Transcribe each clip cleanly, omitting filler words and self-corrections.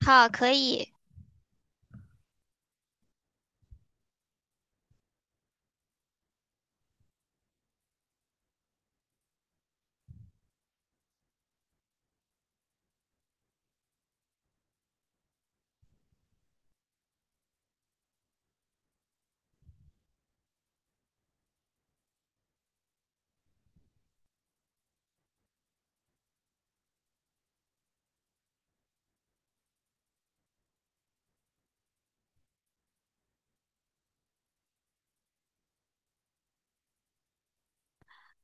好，可以。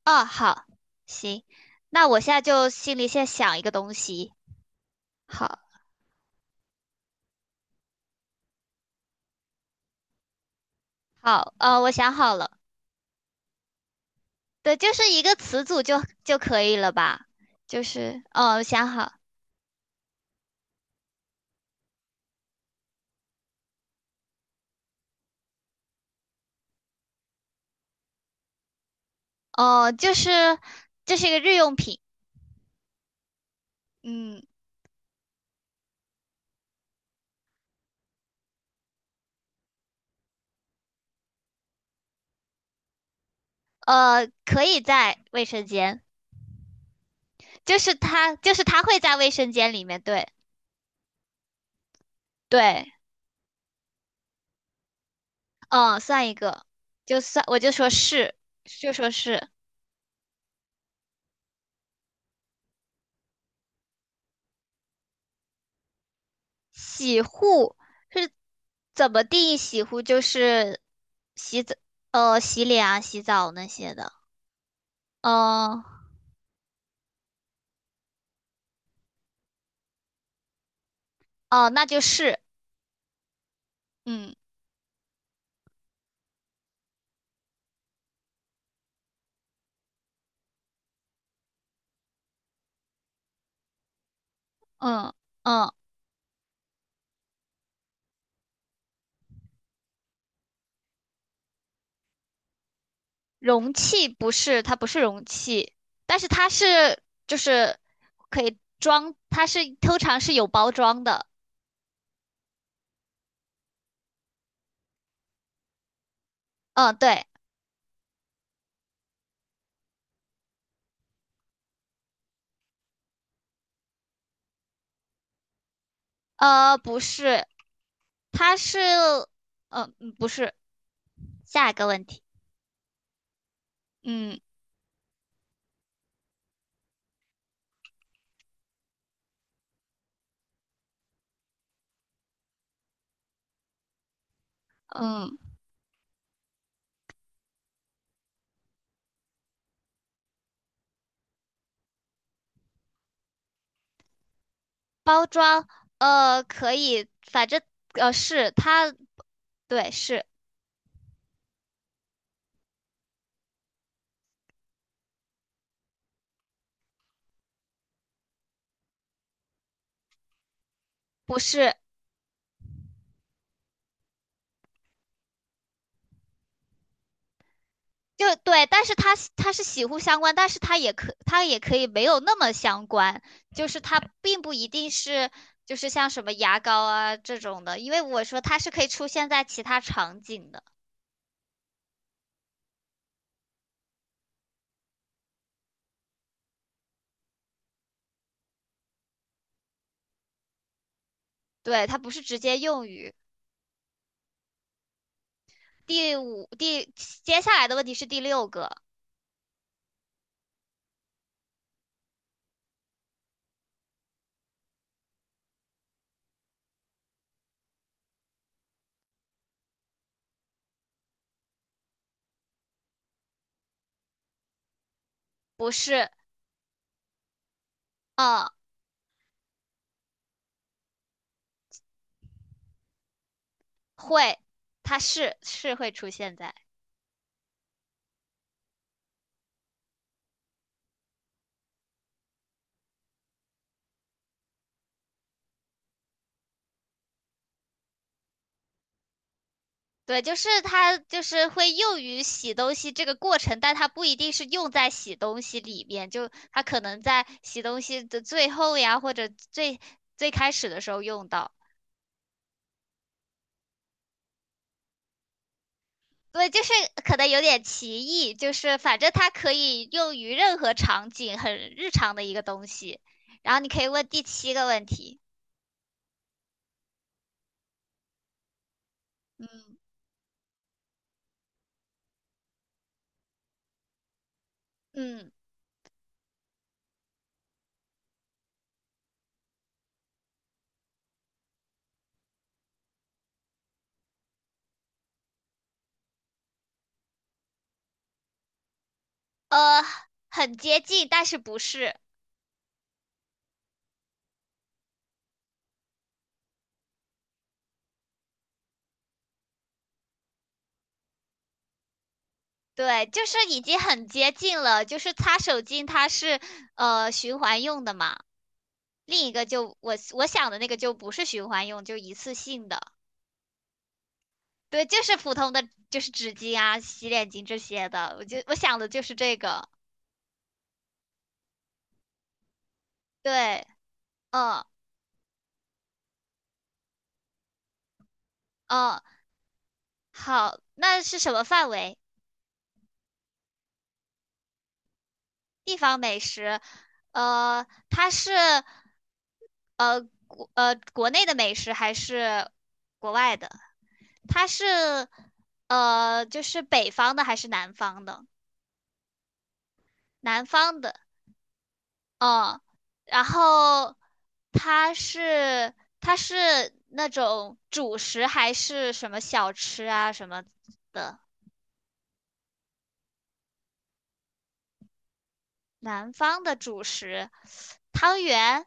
哦，好，行。那我现在就心里先想一个东西。好，好，我想好了。对，就是一个词组就可以了吧？就是，哦，我想好，哦，就是这是一个日用品。嗯，可以在卫生间。就是它会在卫生间里面，对。对，嗯，算一个。就算，我就说是，就说是。洗护是怎么定义洗护？就是洗澡，洗脸啊、洗澡那些的。嗯，哦，那就是，嗯嗯嗯，容器不是，它不是容器，但是它是就是可以装，它是通常是有包装的。嗯，对，不是，它是，不是。下一个问题。嗯嗯。包装，可以，反正是它，对，是。不是就对？但是它是洗护相关，但是它也可以没有那么相关，就是它并不一定是就是像什么牙膏啊这种的，因为我说它是可以出现在其他场景的。对，它不是直接用于。第五第接下来的问题是第六个。不是。嗯，会，它是会出现在。对，就是它就是会用于洗东西这个过程，但它不一定是用在洗东西里面，就它可能在洗东西的最后呀，或者最开始的时候用到。对，就是可能有点歧义，就是反正它可以用于任何场景，很日常的一个东西。然后你可以问第七个问题。嗯嗯，呃，很接近，但是不是。对，就是已经很接近了，就是擦手巾它是循环用的嘛，另一个就我想的那个就不是循环用，就一次性的。对，就是普通的就是纸巾啊、洗脸巾这些的，我就我想的就是这个。对，嗯嗯。好，那是什么范围？地方美食。它是呃国内的美食还是国外的？它是就是北方的还是南方的？南方的。嗯，然后它是它是那种主食还是什么小吃啊什么的？南方的主食，汤圆、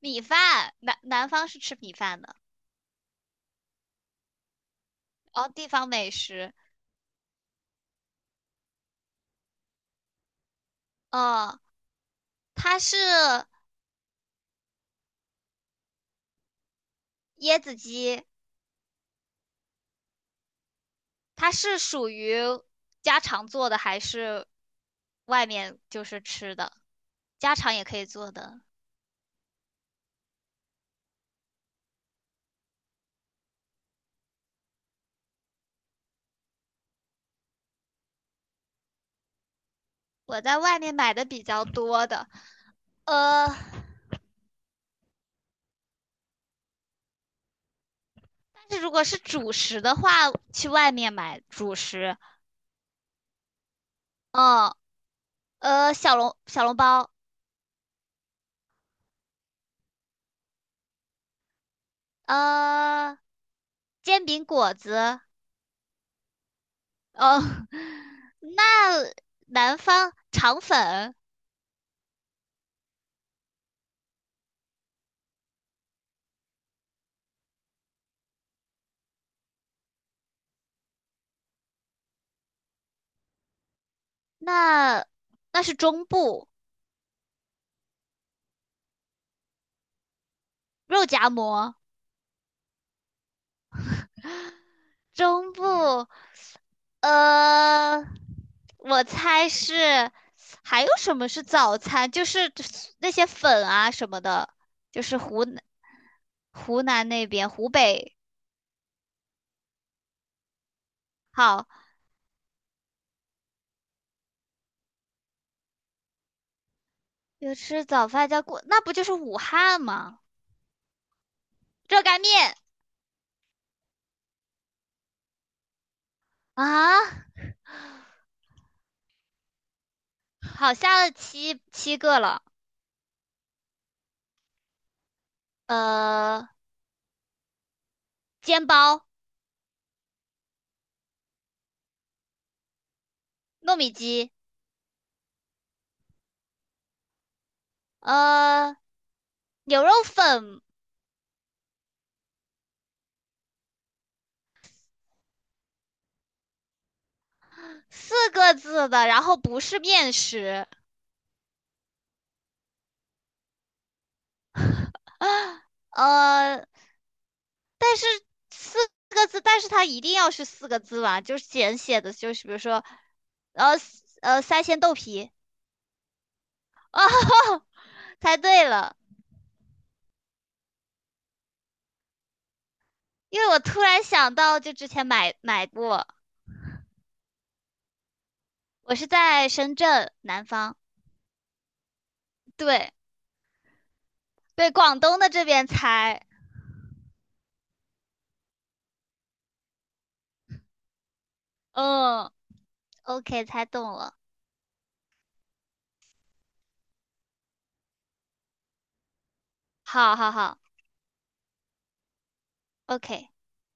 米饭，南方是吃米饭的。哦，地方美食。嗯，它是椰子鸡。它是属于家常做的还是外面就是吃的？家常也可以做的。我在外面买的比较多的。呃，但是如果是主食的话，去外面买主食。嗯，小笼包。呃，煎饼果子。哦，那南方肠粉。那那是中部肉夹馍。中部呃，我猜是，还有什么是早餐？就是那些粉啊什么的。就是湖南那边湖北。好，有吃早饭叫过，那不就是武汉吗？热干面啊。好，下了七个了。呃，煎包、糯米鸡，呃，牛肉粉。四个字的，然后不是面食。呃，但是四个字，但是它一定要是四个字吧？就是简写的，就是比如说，呃三鲜豆皮。哦，猜对了。因为我突然想到，就之前买过。我是在深圳南方。对对，广东的这边猜。嗯，OK，猜中了。好好好，OK。